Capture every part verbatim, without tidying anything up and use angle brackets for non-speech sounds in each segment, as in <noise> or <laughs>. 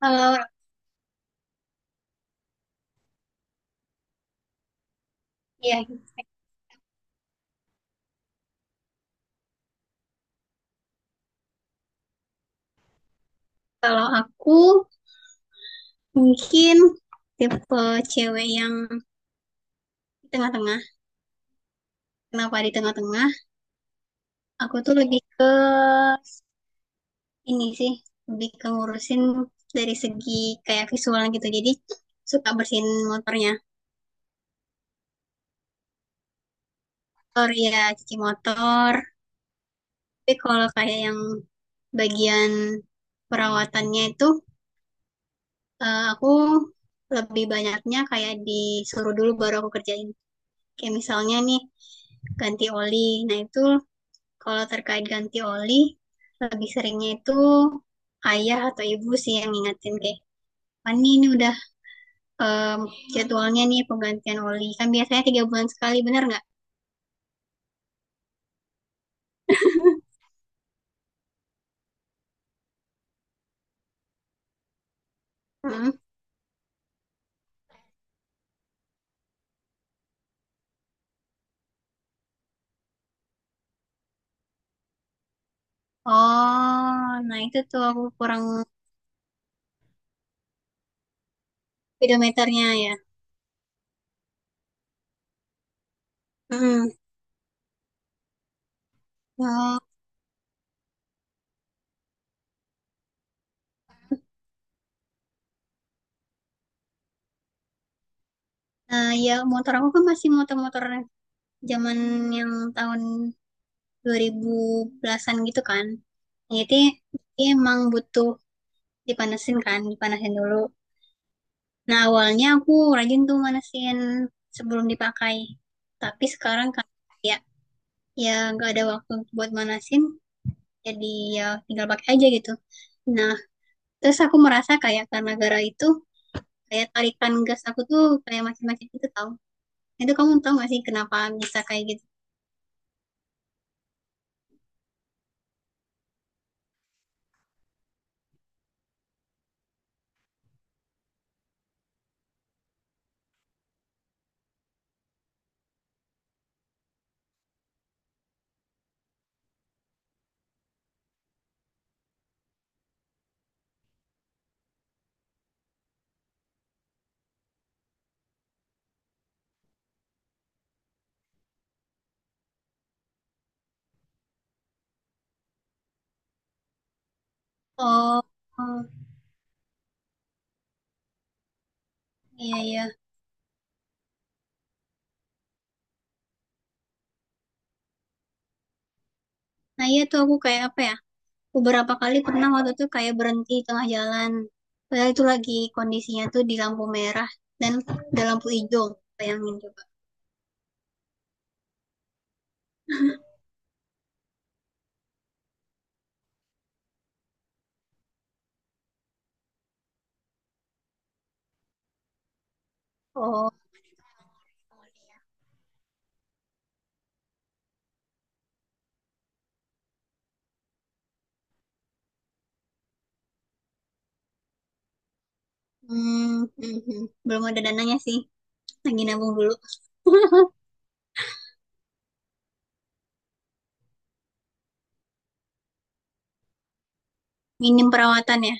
Kalau Ya, kalau aku mungkin tipe cewek yang di tengah-tengah. Kenapa di tengah-tengah? Aku tuh lebih ke ini sih, lebih ke ngurusin dari segi kayak visual gitu. Jadi suka bersihin motornya. Motor, ya, cuci motor. Tapi kalau kayak yang bagian perawatannya itu eh, aku lebih banyaknya kayak disuruh dulu baru aku kerjain. Kayak misalnya nih ganti oli. Nah, itu, kalau terkait ganti oli, lebih seringnya itu ayah atau ibu sih yang ngingetin kayak, "Fani ini udah em, jadwalnya nih penggantian oli." Kan biasanya tiga bulan sekali, bener nggak? Mm. Oh, nah itu tuh aku kurang speedometernya ya. Mm. Oh, nah ya motor aku kan masih motor-motor zaman yang tahun dua ribu sepuluhan-an gitu kan. Jadi, jadi emang butuh dipanasin kan, dipanasin dulu. Nah, awalnya aku rajin tuh manasin sebelum dipakai. Tapi sekarang kan, ya ya nggak ada waktu buat manasin, jadi ya tinggal pakai aja gitu. Nah, terus aku merasa kayak karena gara itu kayak tarikan gas aku tuh kayak makin-makin gitu tau. Itu kamu tau gak sih kenapa bisa kayak gitu? Oh, oh, iya, iya. Nah, iya tuh aku kayak apa ya? Beberapa kali pernah waktu tuh kayak berhenti di tengah jalan. Padahal itu lagi kondisinya tuh di lampu merah dan ada lampu hijau, bayangin. Oh. Hmm, hmm, hmm. Belum ada dananya sih. Lagi nabung dulu. <laughs> Minim perawatan ya.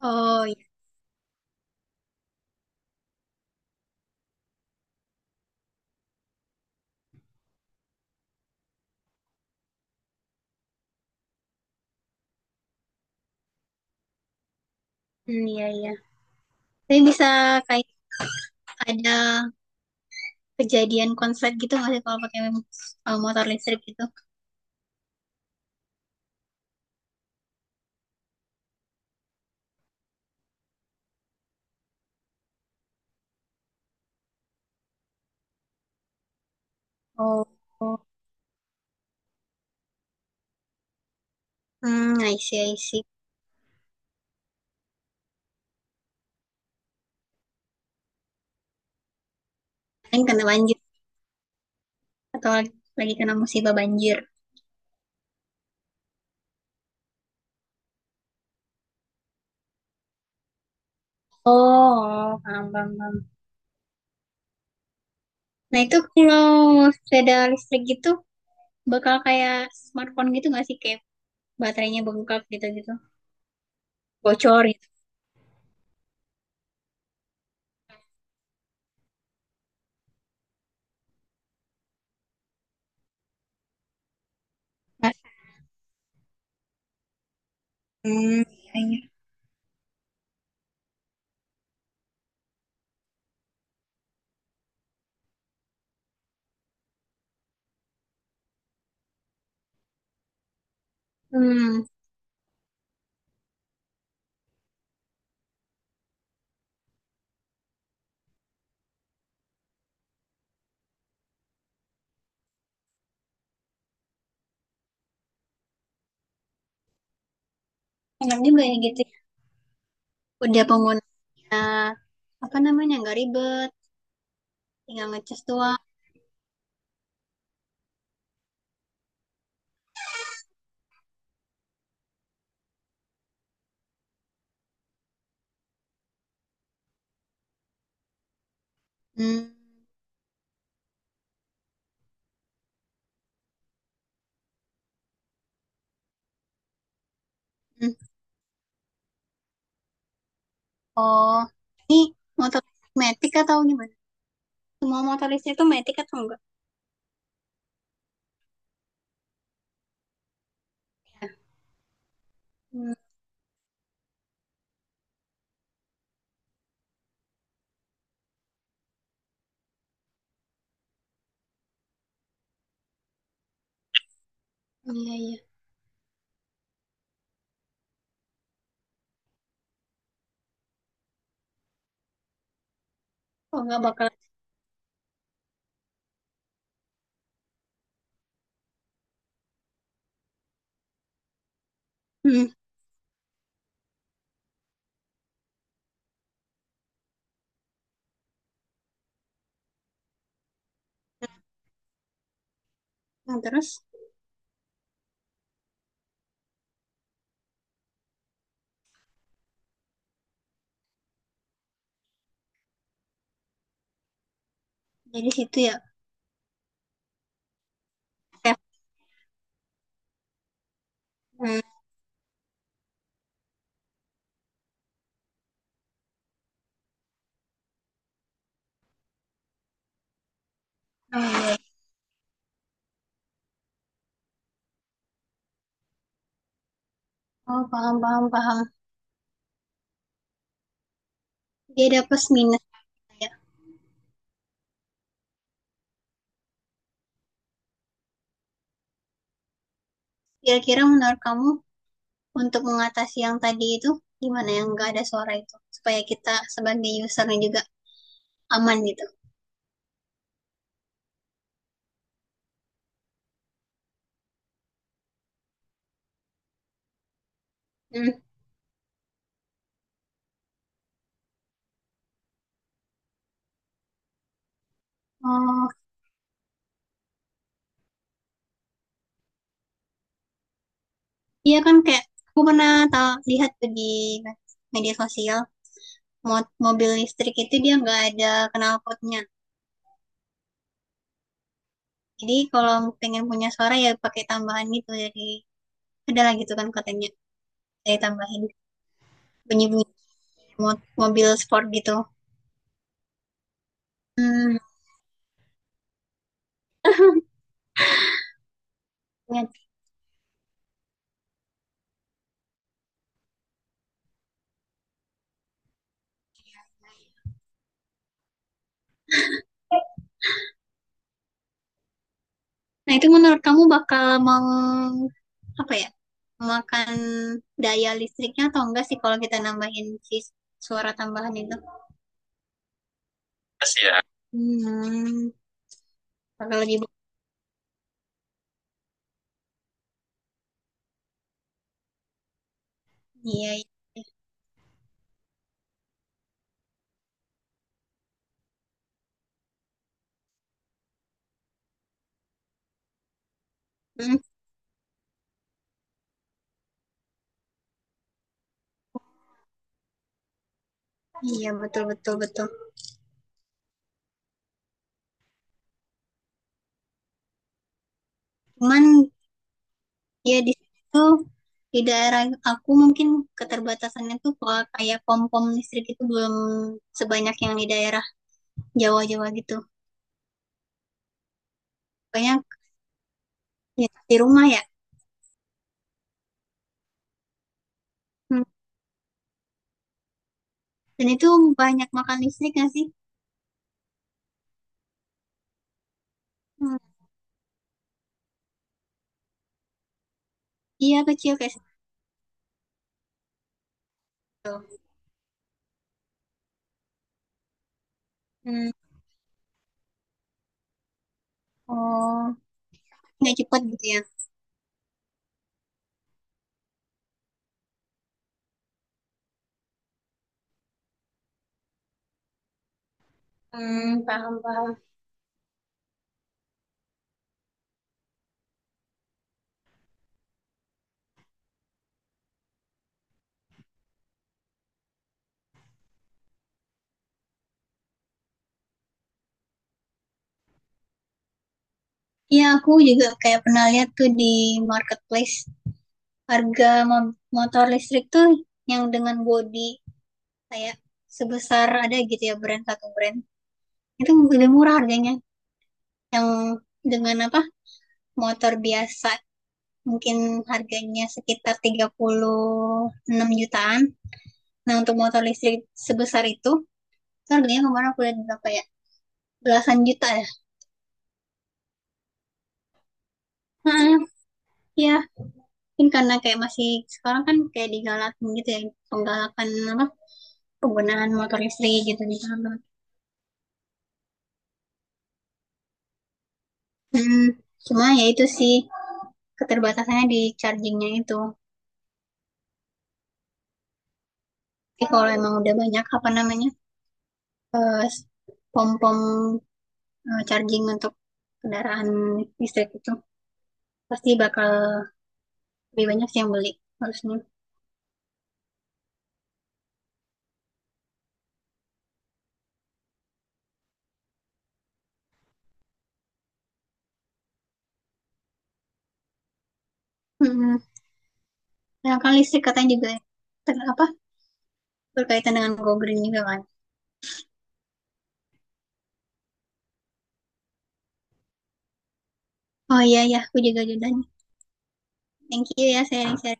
Oh, iya. Hmm, iya, iya. Tapi bisa kayak ada kejadian konslet gitu nggak sih kalau pakai uh, motor listrik gitu? Oh, oh. Hmm, I see, I see. Paling kena banjir, atau lagi, lagi kena musibah banjir. Oh, oh, paham, paham, paham. Nah, itu kalau sepeda listrik gitu bakal kayak smartphone gitu nggak sih? Kayak baterainya bengkak gitu-gitu. Bocor gitu. Hmm, iya, iya. Hmm, enak juga ya gitu. Ya. Udah pengguna apa namanya nggak ribet, tinggal ngecas doang. Hmm, hmm. Oh, ini motor metik atau gimana? Semua motor listrik itu metik atau enggak? Hmm, iya, iya. Oh, nggak bakal. Hmm, nah, terus jadi situ ya. Hmm, oh, iya. Oh, paham, paham, paham. Dia ada plus minus ya. Kira-kira menurut kamu untuk mengatasi yang tadi itu gimana yang nggak ada suara itu supaya kita sebagai usernya juga aman gitu. Hmm. Oh, iya, kan kayak aku pernah tahu lihat tuh di media sosial mo- mobil listrik itu dia nggak ada knalpotnya. Jadi kalau pengen punya suara ya pakai tambahan gitu dari ada lagi tuh kan katanya saya tambahin bunyi-bunyi mo- mobil sport gitu. Hmm. Ya. Nah itu menurut kamu bakal mau apa ya? Makan daya listriknya atau enggak sih kalau kita nambahin si suara tambahan itu? Hmm. Bakal lebih. Iya, iya. Hmm, iya, betul, betul, betul. Cuman ya di situ di daerah aku mungkin keterbatasannya tuh kalau kayak pom-pom listrik itu belum sebanyak yang di daerah Jawa-Jawa gitu. Banyak, ya, di rumah ya. Hmm. Dan itu banyak makan listrik nggak sih? Hmm. Iya kecil kayak situ. Hmm. Oh, nggak cepat gitu ya. Hmm, paham, paham. Iya aku juga kayak pernah lihat tuh di marketplace harga mo- motor listrik tuh yang dengan bodi kayak sebesar ada gitu ya brand satu brand itu lebih murah harganya yang dengan apa motor biasa mungkin harganya sekitar tiga puluh enam jutaan. Nah untuk motor listrik sebesar itu itu harganya kemarin aku lihat berapa ya, belasan juta ya. Heeh, ya mungkin karena kayak masih sekarang kan kayak digalakin gitu ya, penggalakan apa, penggunaan motor listrik gitu di sana. Hmm, cuma ya itu sih keterbatasannya di chargingnya itu. Tapi kalau emang udah banyak apa namanya eh, pom-pom eh, charging untuk kendaraan listrik itu pasti bakal lebih banyak sih yang beli harusnya. Mm-mm. Nah, kan listrik katanya juga ter- apa berkaitan dengan Go Green juga kan. Oh iya ya, aku juga jodohnya. Thank you ya sharing-sharingnya.